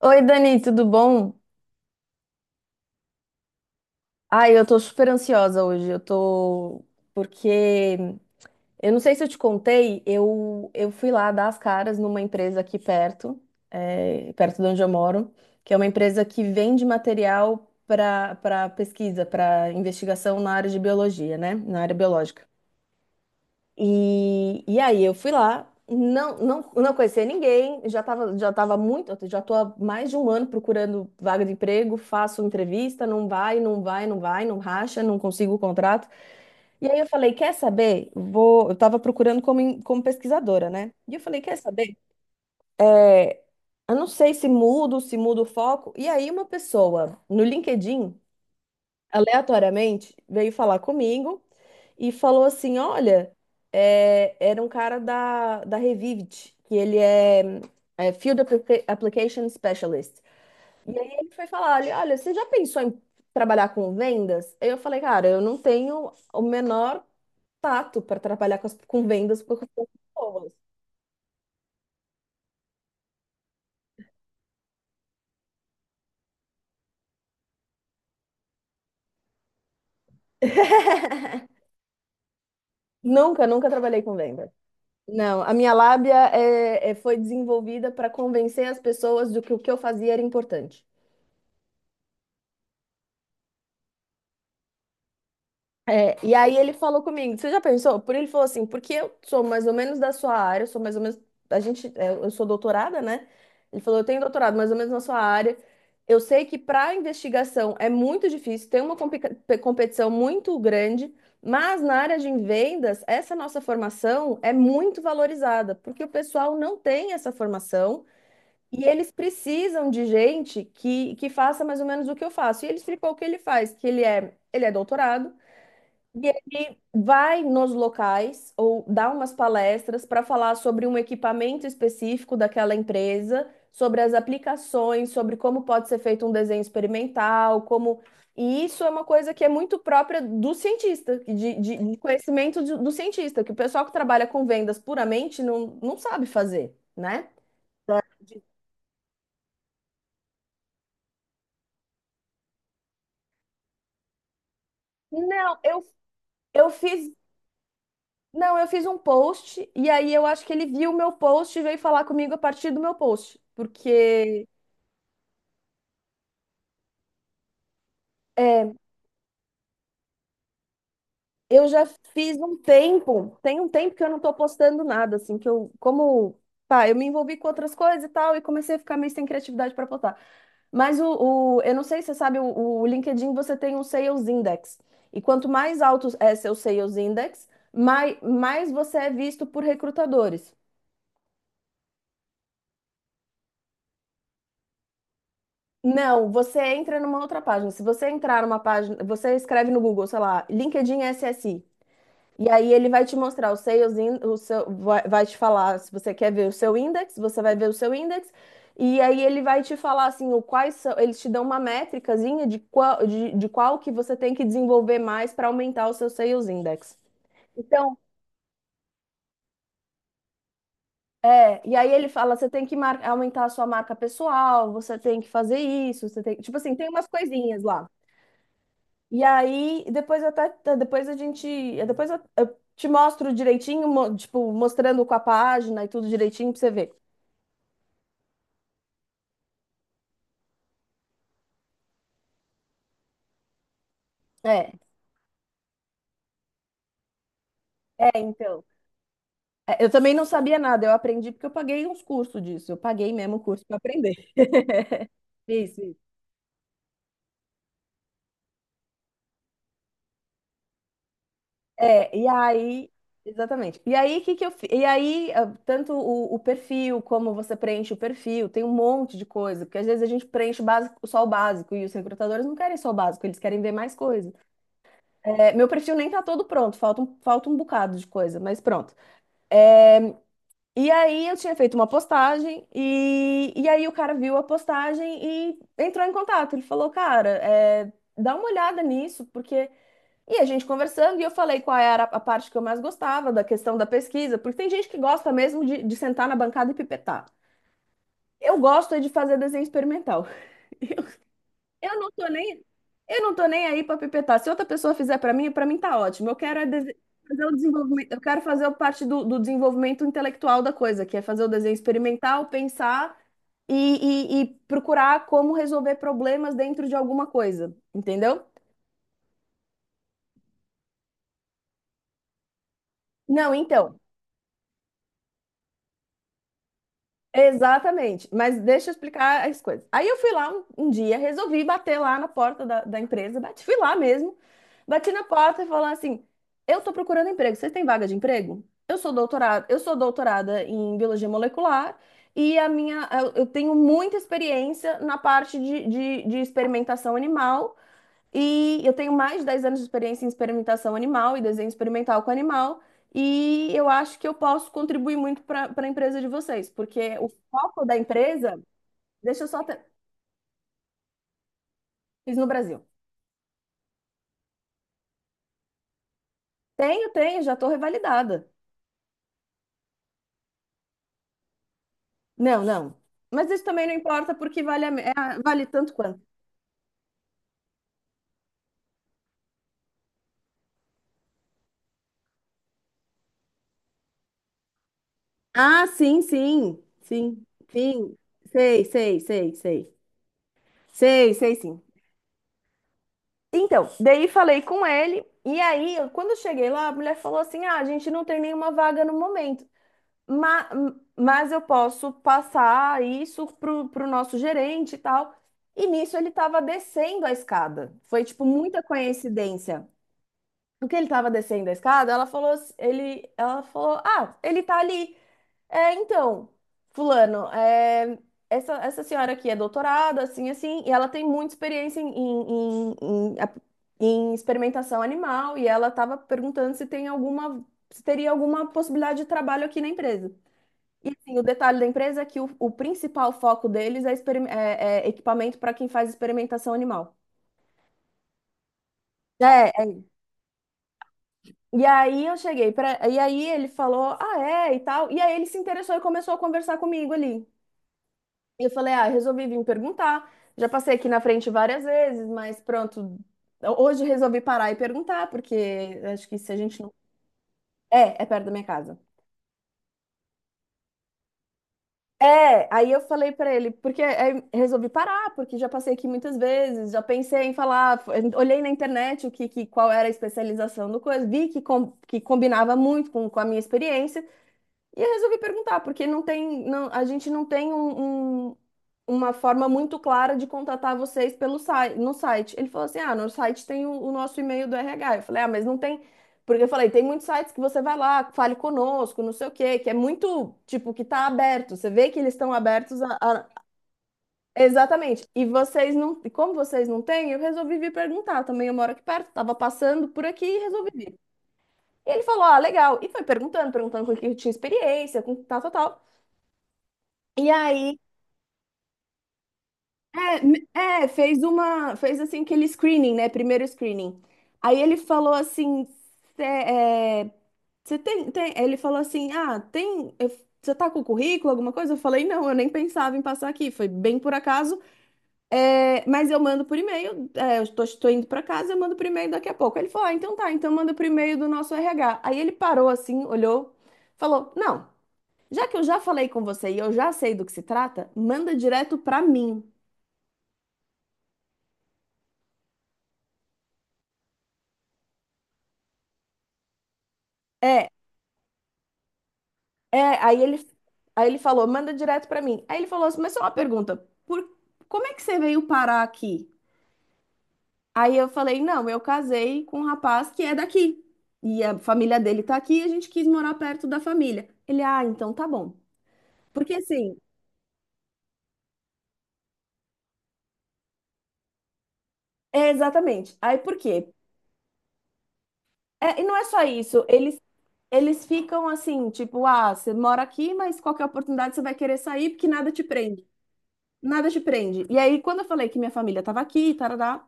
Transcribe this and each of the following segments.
Oi, Dani, tudo bom? Ai, eu tô super ansiosa hoje. Eu tô. Porque. Eu não sei se eu te contei, eu fui lá dar as caras numa empresa aqui perto, perto de onde eu moro, que é uma empresa que vende material para pesquisa, para investigação na área de biologia, né? Na área biológica. E aí eu fui lá, não conhecia ninguém, já tô há mais de um ano procurando vaga de emprego, faço entrevista, não vai, não vai, não vai, não racha, não consigo o contrato. E aí eu falei, quer saber? Eu tava procurando como, como pesquisadora, né? E eu falei, quer saber? É, Eu não sei se mudo, se mudo o foco. E aí uma pessoa no LinkedIn, aleatoriamente, veio falar comigo e falou assim: olha, era um cara da Revivit, que é Field Application Specialist. E aí ele foi falar: olha, você já pensou em trabalhar com vendas? Aí eu falei: cara, eu não tenho o menor tato para trabalhar com, com vendas com as pessoas. Nunca, nunca trabalhei com venda. Não, a minha lábia foi desenvolvida para convencer as pessoas de que o que eu fazia era importante. E aí ele falou comigo, você já pensou? Por Ele falou assim, porque eu sou mais ou menos da sua área, eu sou mais ou menos, a gente, é, eu sou doutorada, né? Ele falou, eu tenho doutorado mais ou menos na sua área. Eu sei que para investigação é muito difícil, tem uma competição muito grande, mas na área de vendas, essa nossa formação é muito valorizada, porque o pessoal não tem essa formação e eles precisam de gente que faça mais ou menos o que eu faço. E ele explicou o que ele faz, que ele é doutorado. E ele vai nos locais ou dá umas palestras para falar sobre um equipamento específico daquela empresa, sobre as aplicações, sobre como pode ser feito um desenho experimental, como. E isso é uma coisa que é muito própria do cientista, de conhecimento do cientista, que o pessoal que trabalha com vendas puramente não sabe fazer, né? Não, eu fiz. Não, eu fiz um post e aí eu acho que ele viu o meu post e veio falar comigo a partir do meu post, porque... É, eu já fiz um tempo, tem um tempo que eu não tô postando nada, assim, pá, eu me envolvi com outras coisas e tal, e comecei a ficar meio sem criatividade para postar. Mas eu não sei se você sabe, o LinkedIn você tem um Sales Index, e quanto mais alto é seu Sales Index, mais você é visto por recrutadores. Não, você entra numa outra página. Se você entrar numa página, você escreve no Google, sei lá, LinkedIn SSI. E aí ele vai te mostrar o seu, vai te falar se você quer ver o seu index, você vai ver o seu index, e aí ele vai te falar assim, o quais são, eles te dão uma métricazinha de qual que você tem que desenvolver mais para aumentar o seu sales index. Então, e aí ele fala, você tem que aumentar a sua marca pessoal, você tem que fazer isso, você tem, tipo assim, tem umas coisinhas lá. E aí, depois eu até, depois a gente, Depois eu te mostro direitinho, tipo, mostrando com a página e tudo direitinho pra você ver. É, então, é, eu também não sabia nada, eu aprendi porque eu paguei uns cursos disso, eu paguei mesmo o curso para aprender. Isso, isso. É, e aí, Exatamente. E aí, que eu, fi- e aí, ah, tanto o perfil, como você preenche o perfil, tem um monte de coisa, porque às vezes a gente preenche o básico, só o básico, e os recrutadores não querem só o básico, eles querem ver mais coisas. É, meu perfil nem tá todo pronto, falta um bocado de coisa, mas pronto. E aí eu tinha feito uma postagem e aí o cara viu a postagem e entrou em contato. Ele falou, cara, dá uma olhada nisso, porque... E a gente conversando e eu falei qual era a parte que eu mais gostava da questão da pesquisa, porque tem gente que gosta mesmo de sentar na bancada e pipetar. Eu gosto é de fazer desenho experimental. Eu não tô nem, eu não tô nem aí para pipetar. Se outra pessoa fizer para mim tá ótimo. Eu quero é fazer o desenvolvimento, eu quero fazer parte do desenvolvimento intelectual da coisa, que é fazer o desenho experimental, pensar e procurar como resolver problemas dentro de alguma coisa, entendeu? Não, então. Exatamente, mas deixa eu explicar as coisas. Aí eu fui lá um dia, resolvi bater lá na porta da empresa, bati, fui lá mesmo, bati na porta e falei assim: eu tô procurando emprego, vocês têm vaga de emprego? Eu sou doutorada em biologia molecular e a minha, eu tenho muita experiência na parte de experimentação animal e eu tenho mais de 10 anos de experiência em experimentação animal e desenho experimental com animal. E eu acho que eu posso contribuir muito para a empresa de vocês, porque o foco da empresa... Deixa eu só. Te- Fiz no Brasil. Tenho, tenho, já estou revalidada. Não, não. Mas isso também não importa, porque vale, a me- é a- vale tanto quanto. Ah, sim, sim, sim, sim. Sei, sei, sei, sei. Sei, sei, sim. Então, daí falei com ele, e aí, quando eu cheguei lá, a mulher falou assim: ah, a gente não tem nenhuma vaga no momento, ma- mas eu posso passar isso pro nosso gerente e tal. E nisso ele estava descendo a escada. Foi, tipo, muita coincidência. No que ele estava descendo a escada, ela falou: ah, ele tá ali. É, então, fulano, essa, essa senhora aqui é doutorada, assim, assim, e ela tem muita experiência em- a- em experimentação animal, e ela estava perguntando se tem alguma, se teria alguma possibilidade de trabalho aqui na empresa. E, assim, o detalhe da empresa é que o principal foco deles é, é equipamento para quem faz experimentação animal. É, é. E aí eu cheguei pra... E aí ele falou, ah, é, e tal. E aí ele se interessou e começou a conversar comigo ali. E eu falei, ah, resolvi vir perguntar. Já passei aqui na frente várias vezes, mas pronto. Hoje resolvi parar e perguntar, porque acho que se a gente não... É, é perto da minha casa. É, aí eu falei pra ele, porque aí resolvi parar, porque já passei aqui muitas vezes, já pensei em falar, olhei na internet o que, qual era a especialização do coisa, vi que, que combinava muito com a minha experiência. E eu resolvi perguntar, porque não tem, não, a gente não tem uma forma muito clara de contatar vocês pelo site, no site. Ele falou assim: ah, no site tem o nosso e-mail do RH. Eu falei, ah, mas não tem. Porque eu falei, tem muitos sites que você vai lá, fale conosco, não sei o quê, que é muito, tipo, que tá aberto. Você vê que eles estão abertos. Exatamente. E vocês não. E como vocês não têm, eu resolvi vir perguntar. Também eu moro aqui perto, estava passando por aqui e resolvi vir. E ele falou: ah, legal. E foi perguntando, perguntando com o que eu tinha experiência, com tal, tal, tal. E aí, é, fez uma, fez assim aquele screening, né? Primeiro screening. Aí ele falou assim, cê, é, cê tem, tem, ele falou assim, ah, você tá com o currículo, alguma coisa? Eu falei, não, eu nem pensava em passar aqui, foi bem por acaso, é, mas eu mando por e-mail, eu tô, tô indo pra casa, eu mando por e-mail daqui a pouco. Ele falou, ah, então tá, então manda por e-mail do nosso RH. Aí ele parou assim, olhou, falou, não, já que eu já falei com você e eu já sei do que se trata, manda direto pra mim. É, É, aí ele, Aí ele falou, manda direto pra mim. Aí ele falou assim, mas só uma pergunta, por, como é que você veio parar aqui? Aí eu falei, não, eu casei com um rapaz que é daqui. E a família dele tá aqui e a gente quis morar perto da família. Ele, ah, então tá bom. Porque assim, é exatamente. Aí por quê? É, e não é só isso, eles ficam assim, tipo, ah, você mora aqui, mas qualquer oportunidade você vai querer sair porque nada te prende. Nada te prende. E aí, quando eu falei que minha família estava aqui, tarará,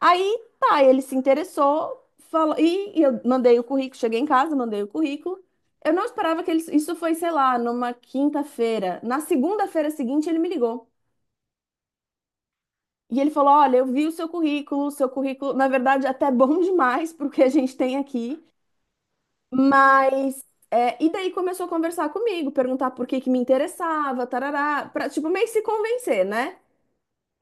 aí, tá, ele se interessou, falou, e eu mandei o currículo, cheguei em casa, mandei o currículo. Eu não esperava que ele, isso foi, sei lá, numa quinta-feira. Na segunda-feira seguinte, ele me ligou. E ele falou: olha, eu vi o seu currículo, na verdade, até bom demais pro que a gente tem aqui. Mas, e daí começou a conversar comigo, perguntar por que que me interessava, tarará, pra, tipo, meio que se convencer, né?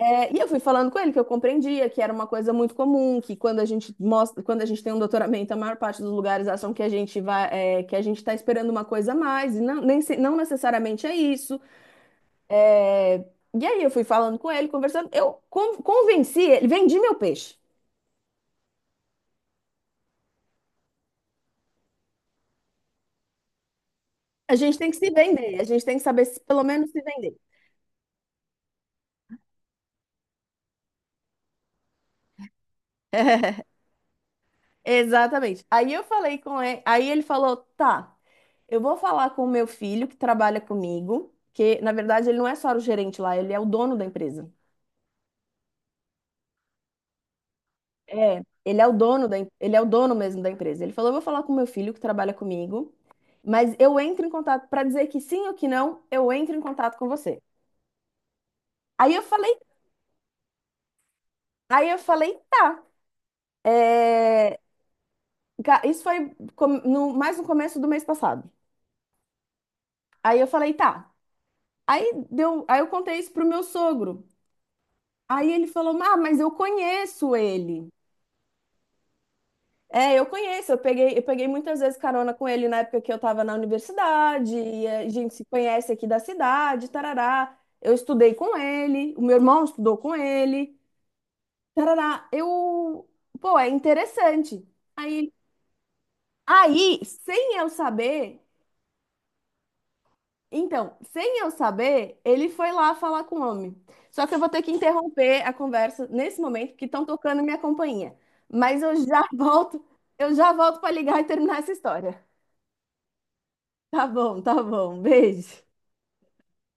E eu fui falando com ele que eu compreendia que era uma coisa muito comum, que quando a gente mostra, quando a gente tem um doutoramento, a maior parte dos lugares acham que a gente vai, é, que a gente está esperando uma coisa a mais, e não, nem, não necessariamente é isso. E aí eu fui falando com ele, conversando, eu convenci ele, vendi meu peixe. A gente tem que se vender, a gente tem que saber se, pelo menos se vender. Exatamente. Aí eu falei com ele, aí ele falou, tá. Eu vou falar com o meu filho que trabalha comigo, que na verdade ele não é só o gerente lá, ele é o dono da empresa. É, ele é o dono mesmo da empresa. Ele falou: "Eu vou falar com meu filho que trabalha comigo, mas eu entro em contato para dizer que sim ou que não, eu entro em contato com você". Aí eu falei, Aí eu falei: "Tá". Isso foi mais no começo do mês passado. Aí eu falei: "Tá". Aí deu, aí eu contei isso pro meu sogro. Aí ele falou: "Ah, mas eu conheço ele". É, eu conheço, eu peguei muitas vezes carona com ele na época que eu tava na universidade, e a gente se conhece aqui da cidade, tarará. Eu estudei com ele, o meu irmão estudou com ele, tarará. Eu, pô, é interessante. Aí, aí, sem eu saber, Então, sem eu saber, ele foi lá falar com o homem. Só que eu vou ter que interromper a conversa nesse momento, porque estão tocando minha campainha. Mas eu já volto, eu já volto para ligar e terminar essa história. Tá bom, tá bom. Beijo.